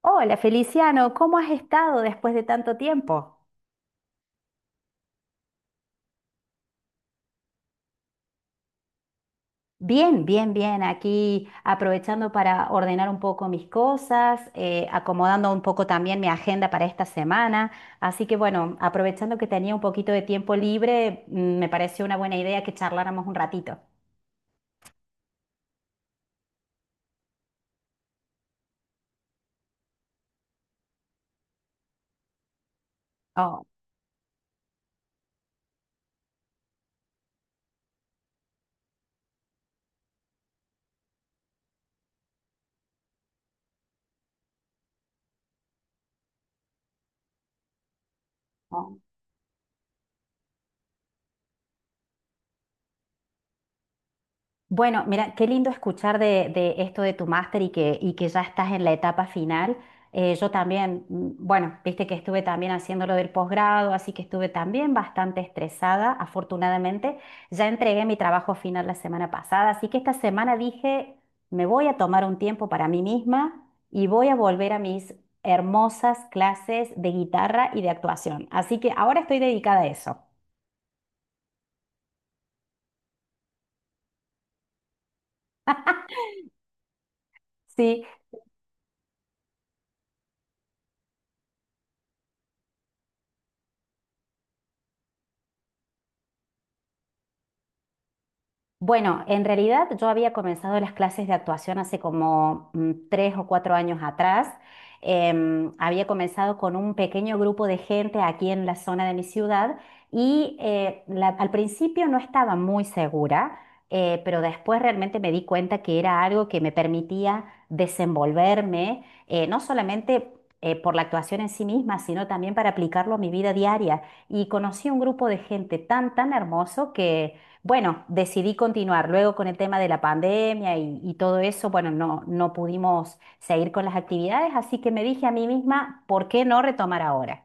Hola Feliciano, ¿cómo has estado después de tanto tiempo? Bien, bien, bien, aquí aprovechando para ordenar un poco mis cosas, acomodando un poco también mi agenda para esta semana. Así que bueno, aprovechando que tenía un poquito de tiempo libre, me pareció una buena idea que charláramos un ratito. Oh, oh. Bueno, mira, qué lindo escuchar de esto de tu máster y que ya estás en la etapa final. Yo también, bueno, viste que estuve también haciendo lo del posgrado, así que estuve también bastante estresada. Afortunadamente, ya entregué mi trabajo final la semana pasada, así que esta semana dije, me voy a tomar un tiempo para mí misma y voy a volver a mis hermosas clases de guitarra y de actuación. Así que ahora estoy dedicada a eso. Sí, bueno, en realidad yo había comenzado las clases de actuación hace como tres o cuatro años atrás. Había comenzado con un pequeño grupo de gente aquí en la zona de mi ciudad y al principio no estaba muy segura, pero después realmente me di cuenta que era algo que me permitía desenvolverme, no solamente... por la actuación en sí misma, sino también para aplicarlo a mi vida diaria. Y conocí un grupo de gente tan, tan hermoso que bueno, decidí continuar. Luego con el tema de la pandemia y todo eso, bueno, no, no pudimos seguir con las actividades, así que me dije a mí misma, ¿por qué no retomar ahora?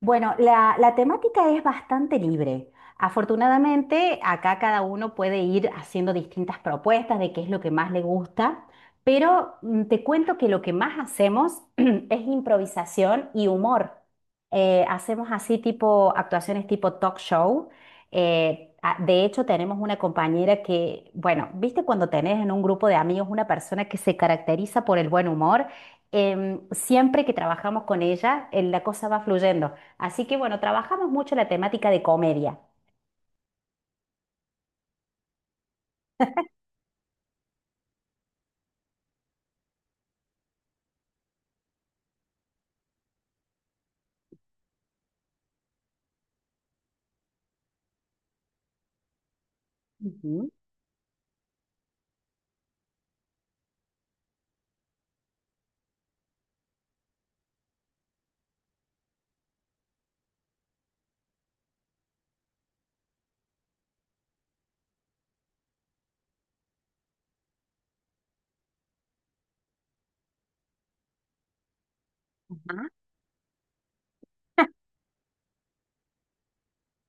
Bueno, la temática es bastante libre. Afortunadamente, acá cada uno puede ir haciendo distintas propuestas de qué es lo que más le gusta, pero te cuento que lo que más hacemos es improvisación y humor. Hacemos así tipo actuaciones tipo talk show. De hecho, tenemos una compañera que, bueno, viste cuando tenés en un grupo de amigos una persona que se caracteriza por el buen humor. Siempre que trabajamos con ella, la cosa va fluyendo. Así que bueno, trabajamos mucho la temática de comedia. Ujú, ajá.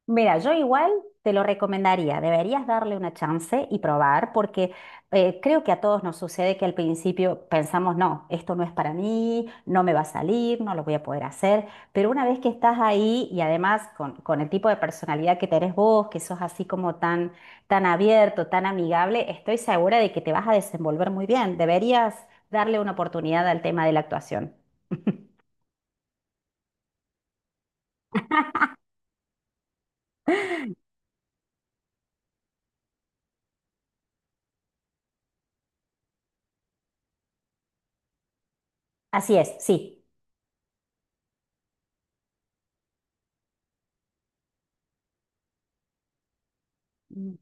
Mira, yo igual te lo recomendaría, deberías darle una chance y probar, porque creo que a todos nos sucede que al principio pensamos, no, esto no es para mí, no me va a salir, no lo voy a poder hacer, pero una vez que estás ahí y además con el tipo de personalidad que tenés vos, que sos así como tan, tan abierto, tan amigable, estoy segura de que te vas a desenvolver muy bien, deberías darle una oportunidad al tema de la actuación. Así es, sí. Mm,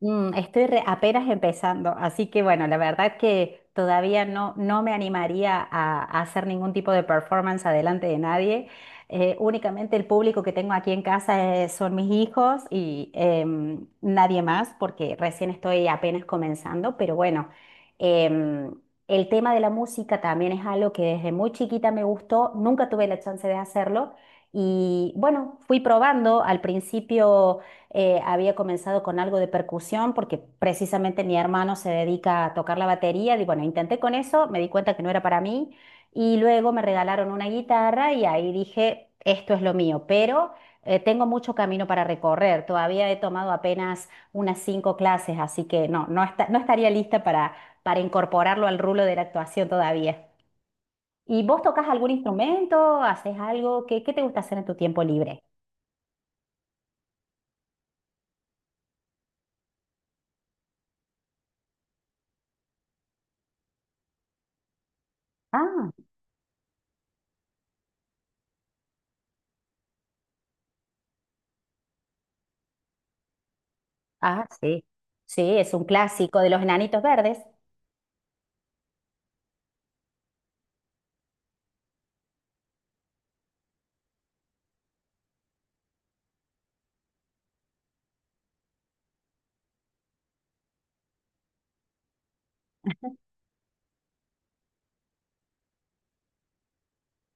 Estoy apenas empezando, así que bueno, la verdad que todavía no, no me animaría a hacer ningún tipo de performance adelante de nadie. Únicamente el público que tengo aquí en casa son mis hijos y nadie más, porque recién estoy apenas comenzando, pero bueno, em, el tema de la música también es algo que desde muy chiquita me gustó, nunca tuve la chance de hacerlo y bueno, fui probando al principio. Había comenzado con algo de percusión porque precisamente mi hermano se dedica a tocar la batería. Y bueno, intenté con eso, me di cuenta que no era para mí y luego me regalaron una guitarra y ahí dije, esto es lo mío, pero tengo mucho camino para recorrer. Todavía he tomado apenas unas cinco clases, así que no, no, no estaría lista para incorporarlo al rulo de la actuación todavía. ¿Y vos tocas algún instrumento? ¿Haces algo? ¿Qué, qué te gusta hacer en tu tiempo libre? Ah. Ah, sí. Sí, es un clásico de los enanitos verdes.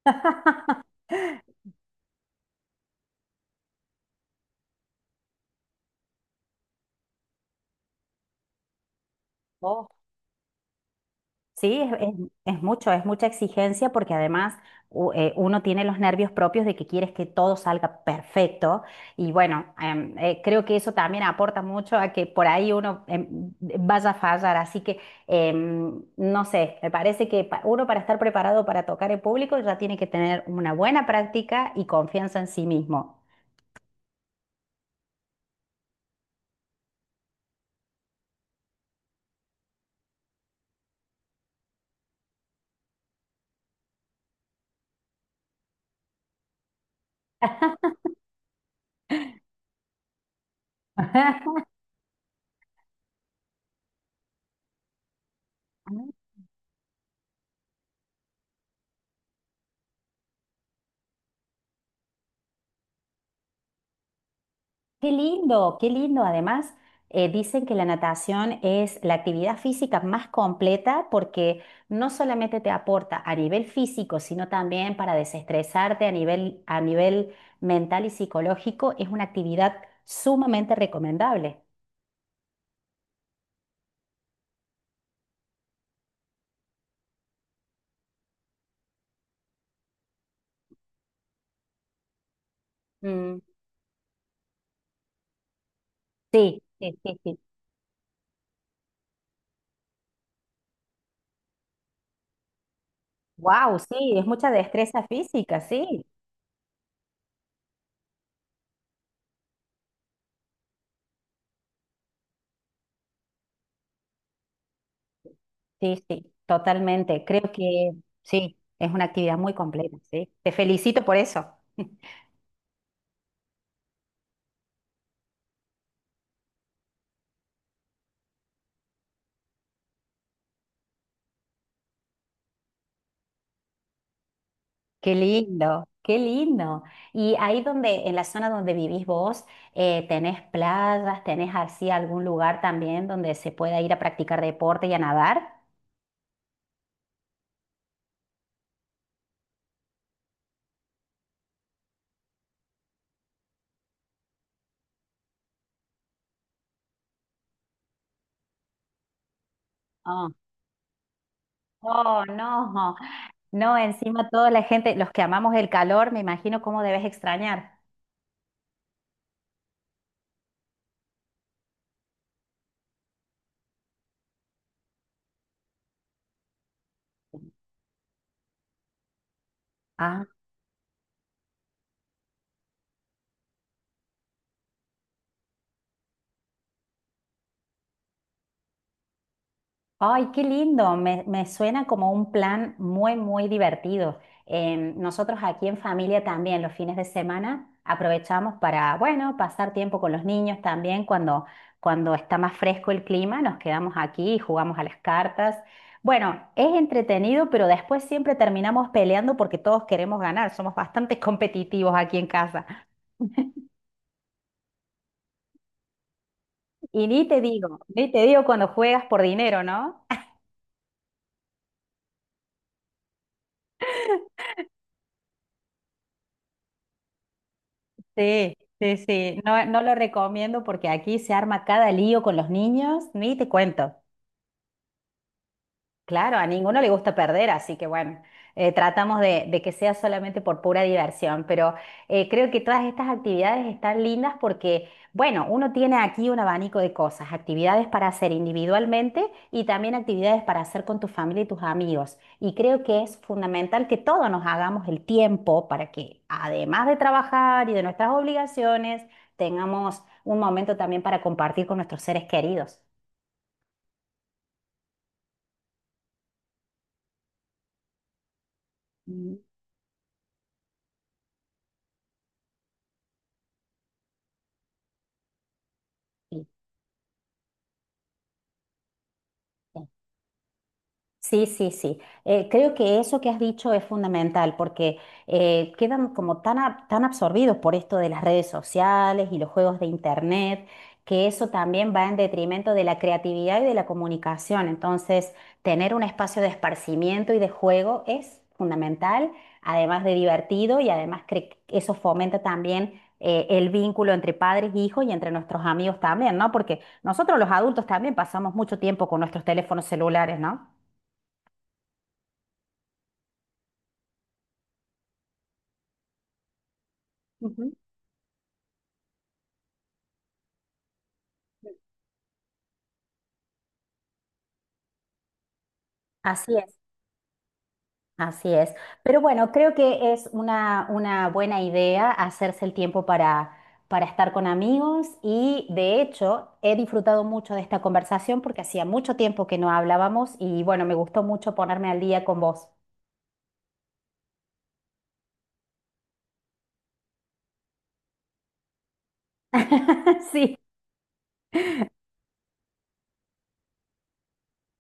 Oh, sí, es mucho, es mucha exigencia porque además uno tiene los nervios propios de que quieres que todo salga perfecto y bueno, creo que eso también aporta mucho a que por ahí uno vaya a fallar, así que no sé, me parece que uno para estar preparado para tocar en público ya tiene que tener una buena práctica y confianza en sí mismo. Qué lindo, qué lindo. Además, dicen que la natación es la actividad física más completa porque no solamente te aporta a nivel físico, sino también para desestresarte a nivel mental y psicológico. Es una actividad sumamente recomendable. Mm. Sí, sí, sí, sí. Wow, sí, es mucha destreza física, sí, sí, sí, totalmente. Creo que sí, es una actividad muy completa, sí. Te felicito por eso. Qué lindo, qué lindo. Y ahí donde, en la zona donde vivís vos, ¿tenés playas, tenés así algún lugar también donde se pueda ir a practicar deporte y a nadar? Ah. Oh, no, no, encima toda la gente, los que amamos el calor, me imagino cómo debes extrañar. Ay, qué lindo, me suena como un plan muy, muy divertido. Nosotros aquí en familia también los fines de semana aprovechamos para, bueno, pasar tiempo con los niños también cuando, cuando está más fresco el clima, nos quedamos aquí y jugamos a las cartas. Bueno, es entretenido, pero después siempre terminamos peleando porque todos queremos ganar, somos bastante competitivos aquí en casa. Y ni te digo, ni te digo cuando juegas por dinero, ¿no? Sí, sí, sí. No, no lo recomiendo porque aquí se arma cada lío con los niños, ni te cuento. Claro, a ninguno le gusta perder, así que bueno, tratamos de que sea solamente por pura diversión, pero creo que todas estas actividades están lindas porque, bueno, uno tiene aquí un abanico de cosas, actividades para hacer individualmente y también actividades para hacer con tu familia y tus amigos. Y creo que es fundamental que todos nos hagamos el tiempo para que, además de trabajar y de nuestras obligaciones, tengamos un momento también para compartir con nuestros seres queridos. Mm. Sí. Sí, sí, sí. Creo que eso que has dicho es fundamental porque quedan como tan, tan absorbidos por esto de las redes sociales y los juegos de internet, que eso también va en detrimento de la creatividad y de la comunicación. Entonces, tener un espacio de esparcimiento y de juego es fundamental, además de divertido y además eso fomenta también el vínculo entre padres e hijos y entre nuestros amigos también, ¿no? Porque nosotros los adultos también pasamos mucho tiempo con nuestros teléfonos celulares, ¿no? Ujú. Así es, así es. Pero bueno, creo que es una buena idea hacerse el tiempo para estar con amigos y de hecho he disfrutado mucho de esta conversación porque hacía mucho tiempo que no hablábamos y bueno, me gustó mucho ponerme al día con vos. Sí.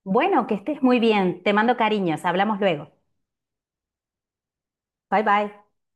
Bueno, que estés muy bien. Te mando cariños. Hablamos luego. Bye bye.